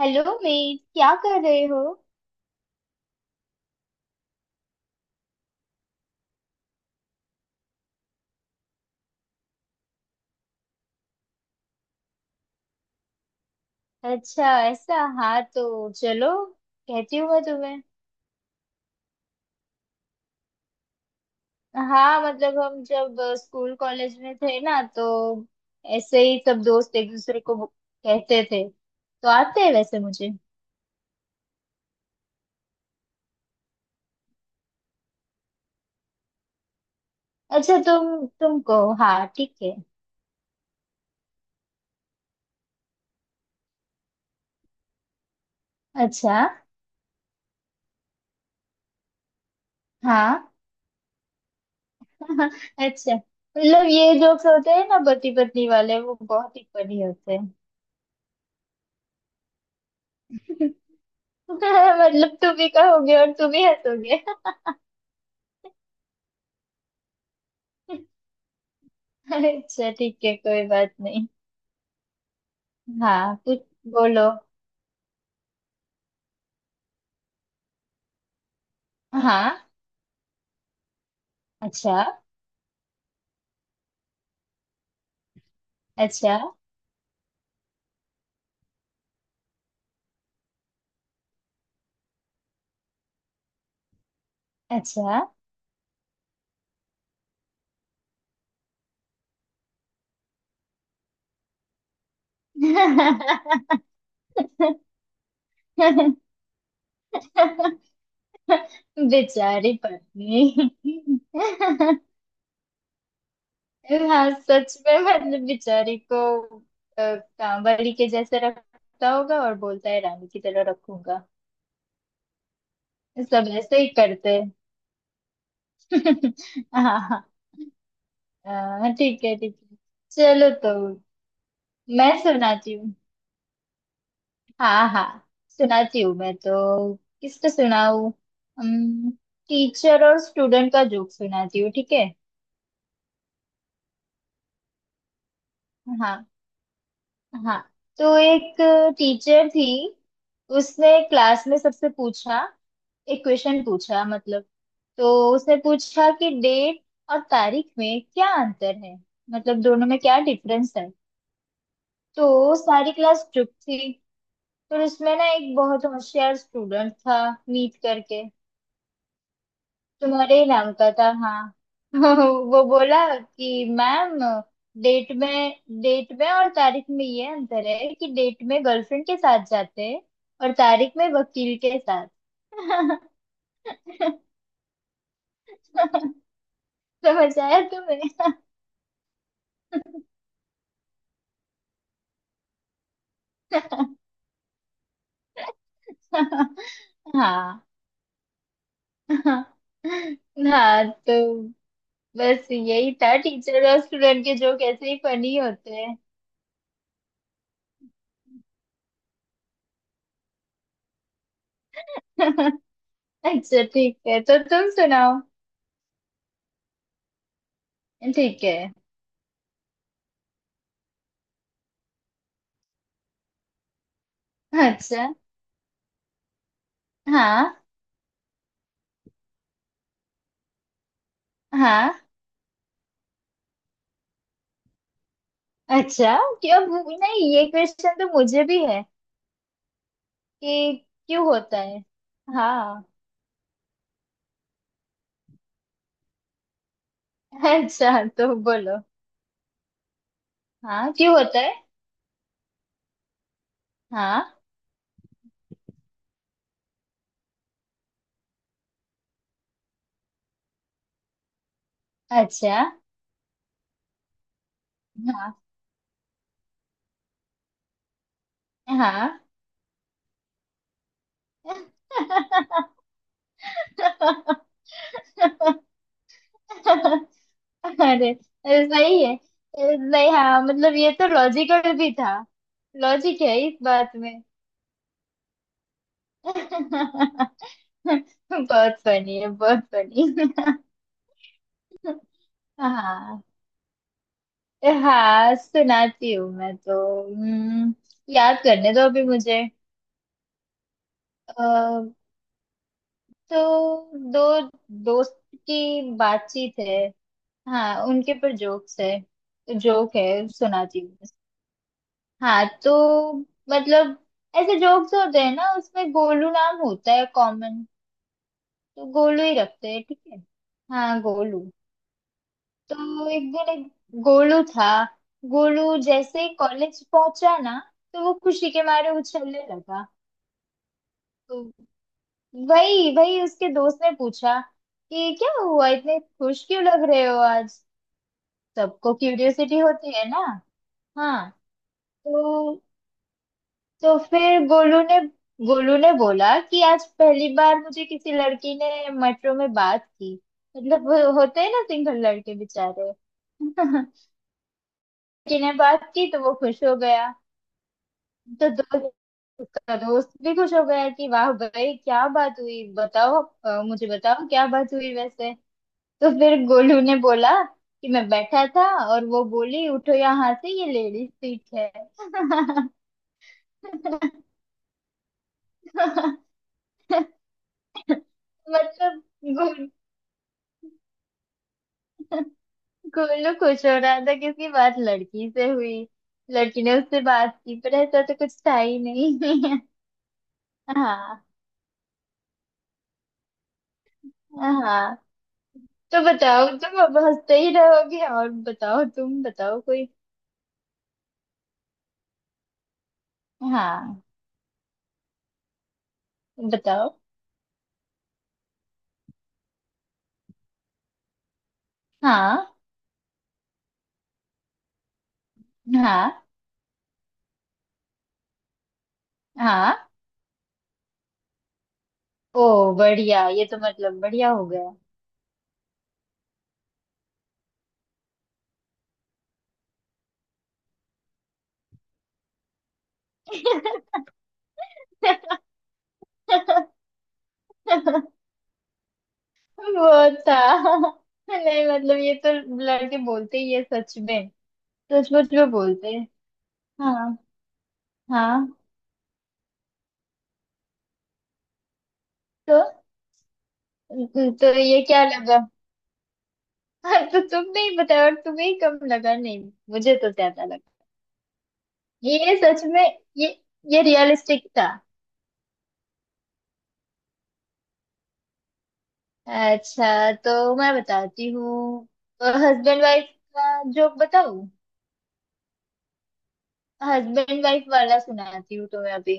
Hello Meet, क्या कर रहे हो। अच्छा ऐसा। हाँ तो चलो, कहती हूँ मैं तुम्हें। हाँ मतलब हम जब स्कूल कॉलेज में थे ना तो ऐसे ही सब दोस्त एक दूसरे को कहते थे, तो आते हैं वैसे मुझे। अच्छा तुम कहो। हाँ ठीक है। अच्छा। हाँ। अच्छा मतलब ये जोक्स होते हैं ना पति पत्नी वाले, वो बहुत ही फनी होते हैं। मतलब तुम भी कहोगे और तुम ही हंसोगे। अच्छा ठीक है, कोई बात नहीं। हाँ कुछ बोलो। हाँ। अच्छा। अच्छा। अच्छा। बेचारी पत्नी। हाँ सच में, मतलब बेचारी को कांवड़ी के जैसे रखता होगा और बोलता है रानी की तरह रखूंगा। सब ऐसे ही करते हैं। हाँ हाँ। हाँ, ठीक है ठीक है। चलो तो मैं सुनाती हूँ। हाँ हाँ सुनाती हूँ मैं तो। किसका सुनाऊँ। टीचर और स्टूडेंट का जोक सुनाती हूँ, ठीक है। हाँ। हाँ तो एक टीचर थी। उसने क्लास में सबसे पूछा, एक क्वेश्चन पूछा मतलब। तो उसने पूछा कि डेट और तारीख में क्या अंतर है, मतलब दोनों में क्या डिफरेंस है। तो सारी क्लास चुप थी। फिर उसमें ना एक बहुत होशियार स्टूडेंट था, मीत करके, तुम्हारे ही नाम का था। हाँ वो बोला कि मैम, डेट में डेट में और तारीख में ये अंतर है कि डेट में गर्लफ्रेंड के साथ जाते हैं और तारीख में वकील के साथ। समझ आया तुम्हें। हाँ। हाँ तो बस यही था, टीचर और स्टूडेंट के जोक ऐसे ही फनी होते हैं। अच्छा ठीक है, तो तुम सुनाओ। ठीक है। अच्छा। हाँ। हाँ। अच्छा क्यों नहीं ये क्वेश्चन तो मुझे भी है कि क्यों होता है। हाँ। अच्छा तो बोलो। हाँ क्यों होता है। हाँ। अच्छा। हाँ। हाँ। अरे सही है। नहीं हाँ, मतलब ये तो लॉजिकल भी था, लॉजिक है इस बात में। बहुत फनी है, बहुत फनी। हाँ। हाँ सुनाती हूँ मैं तो। हम्म, याद करने दो अभी मुझे। अ, तो दो दोस्त की बातचीत है, हाँ उनके पर जोक्स है, जोक है सुनाती हूँ। हाँ तो मतलब ऐसे जोक्स होते हैं ना उसमें गोलू नाम होता है कॉमन, तो गोलू ही रखते हैं, ठीक है। हाँ गोलू। तो एक दिन एक गोलू था। गोलू जैसे ही कॉलेज पहुंचा ना, तो वो खुशी के मारे उछलने लगा। तो वही वही उसके दोस्त ने पूछा कि क्या हुआ, इतने खुश क्यों लग रहे हो आज, सबको क्यूरियोसिटी होती है ना। हाँ। तो तो फिर गोलू ने बोला कि आज पहली बार मुझे किसी लड़की ने मेट्रो में बात की। मतलब वो होते हैं ना सिंगल लड़के बेचारे। लड़की ने बात की तो वो खुश हो गया। तो दोस्त उसका दोस्त भी खुश हो गया कि वाह भाई क्या बात हुई, बताओ मुझे बताओ क्या बात हुई वैसे। तो फिर गोलू ने बोला कि मैं बैठा था और वो बोली उठो यहाँ से, ये लेडीज सीट है। मतलब गो- गोलू खुश हो रहा था कि उसकी बात लड़की से हुई, लड़की ने उससे बात की, पर ऐसा तो कुछ था ही नहीं। हाँ। हाँ तो बताओ तुम, अब हंसते ही रहोगे। और बताओ तुम, बताओ कोई। हाँ बताओ। हाँ। हाँ। हाँ। ओ बढ़िया, ये तो मतलब बढ़िया हो गया। वो था। नहीं मतलब ये तो लड़के बोलते ही है सच में। सच सच में बोलते हैं। हाँ। हाँ तो। तो ये क्या लगा। तो तुमने ही बताया और तुम्हें ही कम लगा, नहीं मुझे तो ज्यादा लगा। ये सच में, ये ये रियलिस्टिक था। अच्छा तो मैं बताती हूँ। हस्बैंड वाइफ का जोक बताऊँ। हस्बैंड वाइफ वाला सुनाती हूँ तुम्हें अभी।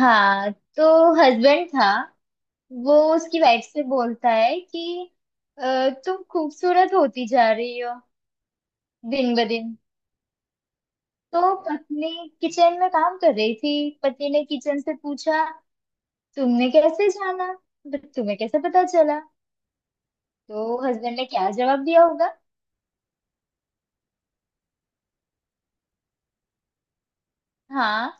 हाँ। तो हस्बैंड था, वो उसकी वाइफ से बोलता है कि " तुम खूबसूरत होती जा रही हो दिन ब दिन। तो पत्नी किचन में काम कर रही थी, पति ने किचन से पूछा, तुमने कैसे जाना, मतलब तुम्हें कैसे पता चला। तो हस्बैंड ने क्या जवाब दिया होगा। हाँ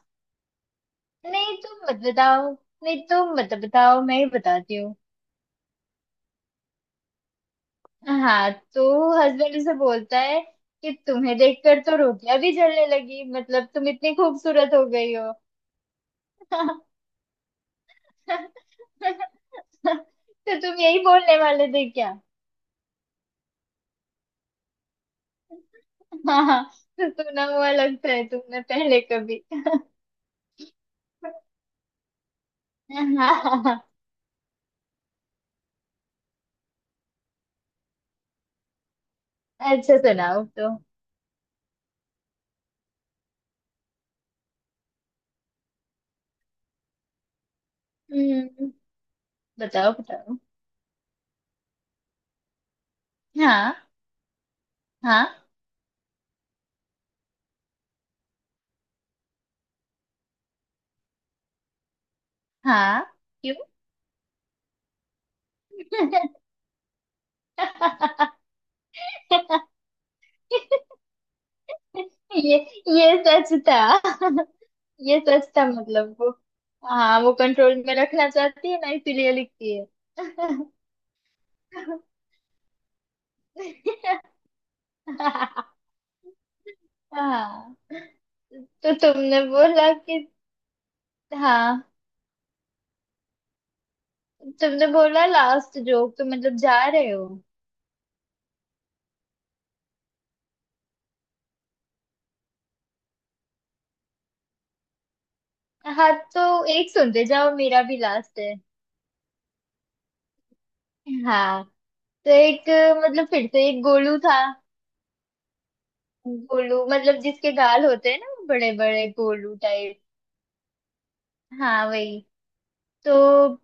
नहीं तुम मत बताओ, नहीं तुम मत बताओ, मैं ही बताती हूँ। हाँ। तो हस्बैंड उसे बोलता है कि तुम्हें देखकर तो रोटियां भी जलने लगी, मतलब तुम इतनी खूबसूरत हो गई हो। तो तुम यही बोलने वाले थे क्या। हाँ तो सुना हुआ लगता है तुमने पहले कभी। हाँ। अच्छा सुनाओ तो। हम्म, बताओ बताओ। हाँ। हाँ। हाँ। क्यों। ये ये सच था। ये सच था मतलब वो, हाँ वो कंट्रोल में रखना चाहती है ना इसीलिए लिखती है। हाँ तो तुमने बोला कि, हाँ तुमने बोला लास्ट जोक, तो मतलब जा रहे हो। हाँ तो एक सुनते जाओ, मेरा भी लास्ट है। हाँ तो एक, मतलब फिर से एक गोलू था। गोलू मतलब जिसके गाल होते हैं ना बड़े बड़े, गोलू टाइप। हाँ वही। तो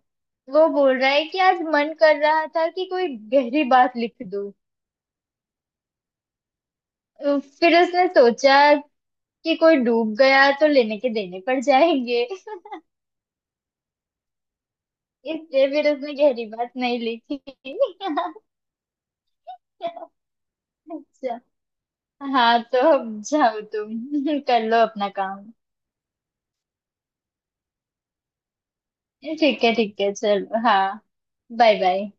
वो बोल रहा है कि आज मन कर रहा था कि कोई गहरी बात लिख दूं। फिर उसने सोचा कि कोई डूब गया तो लेने के देने पड़ जाएंगे, इसलिए फिर उसने गहरी बात नहीं लिखी। अच्छा। हाँ तो अब जाओ तुम कर लो अपना काम। ठीक है चलो हाँ। Bye bye.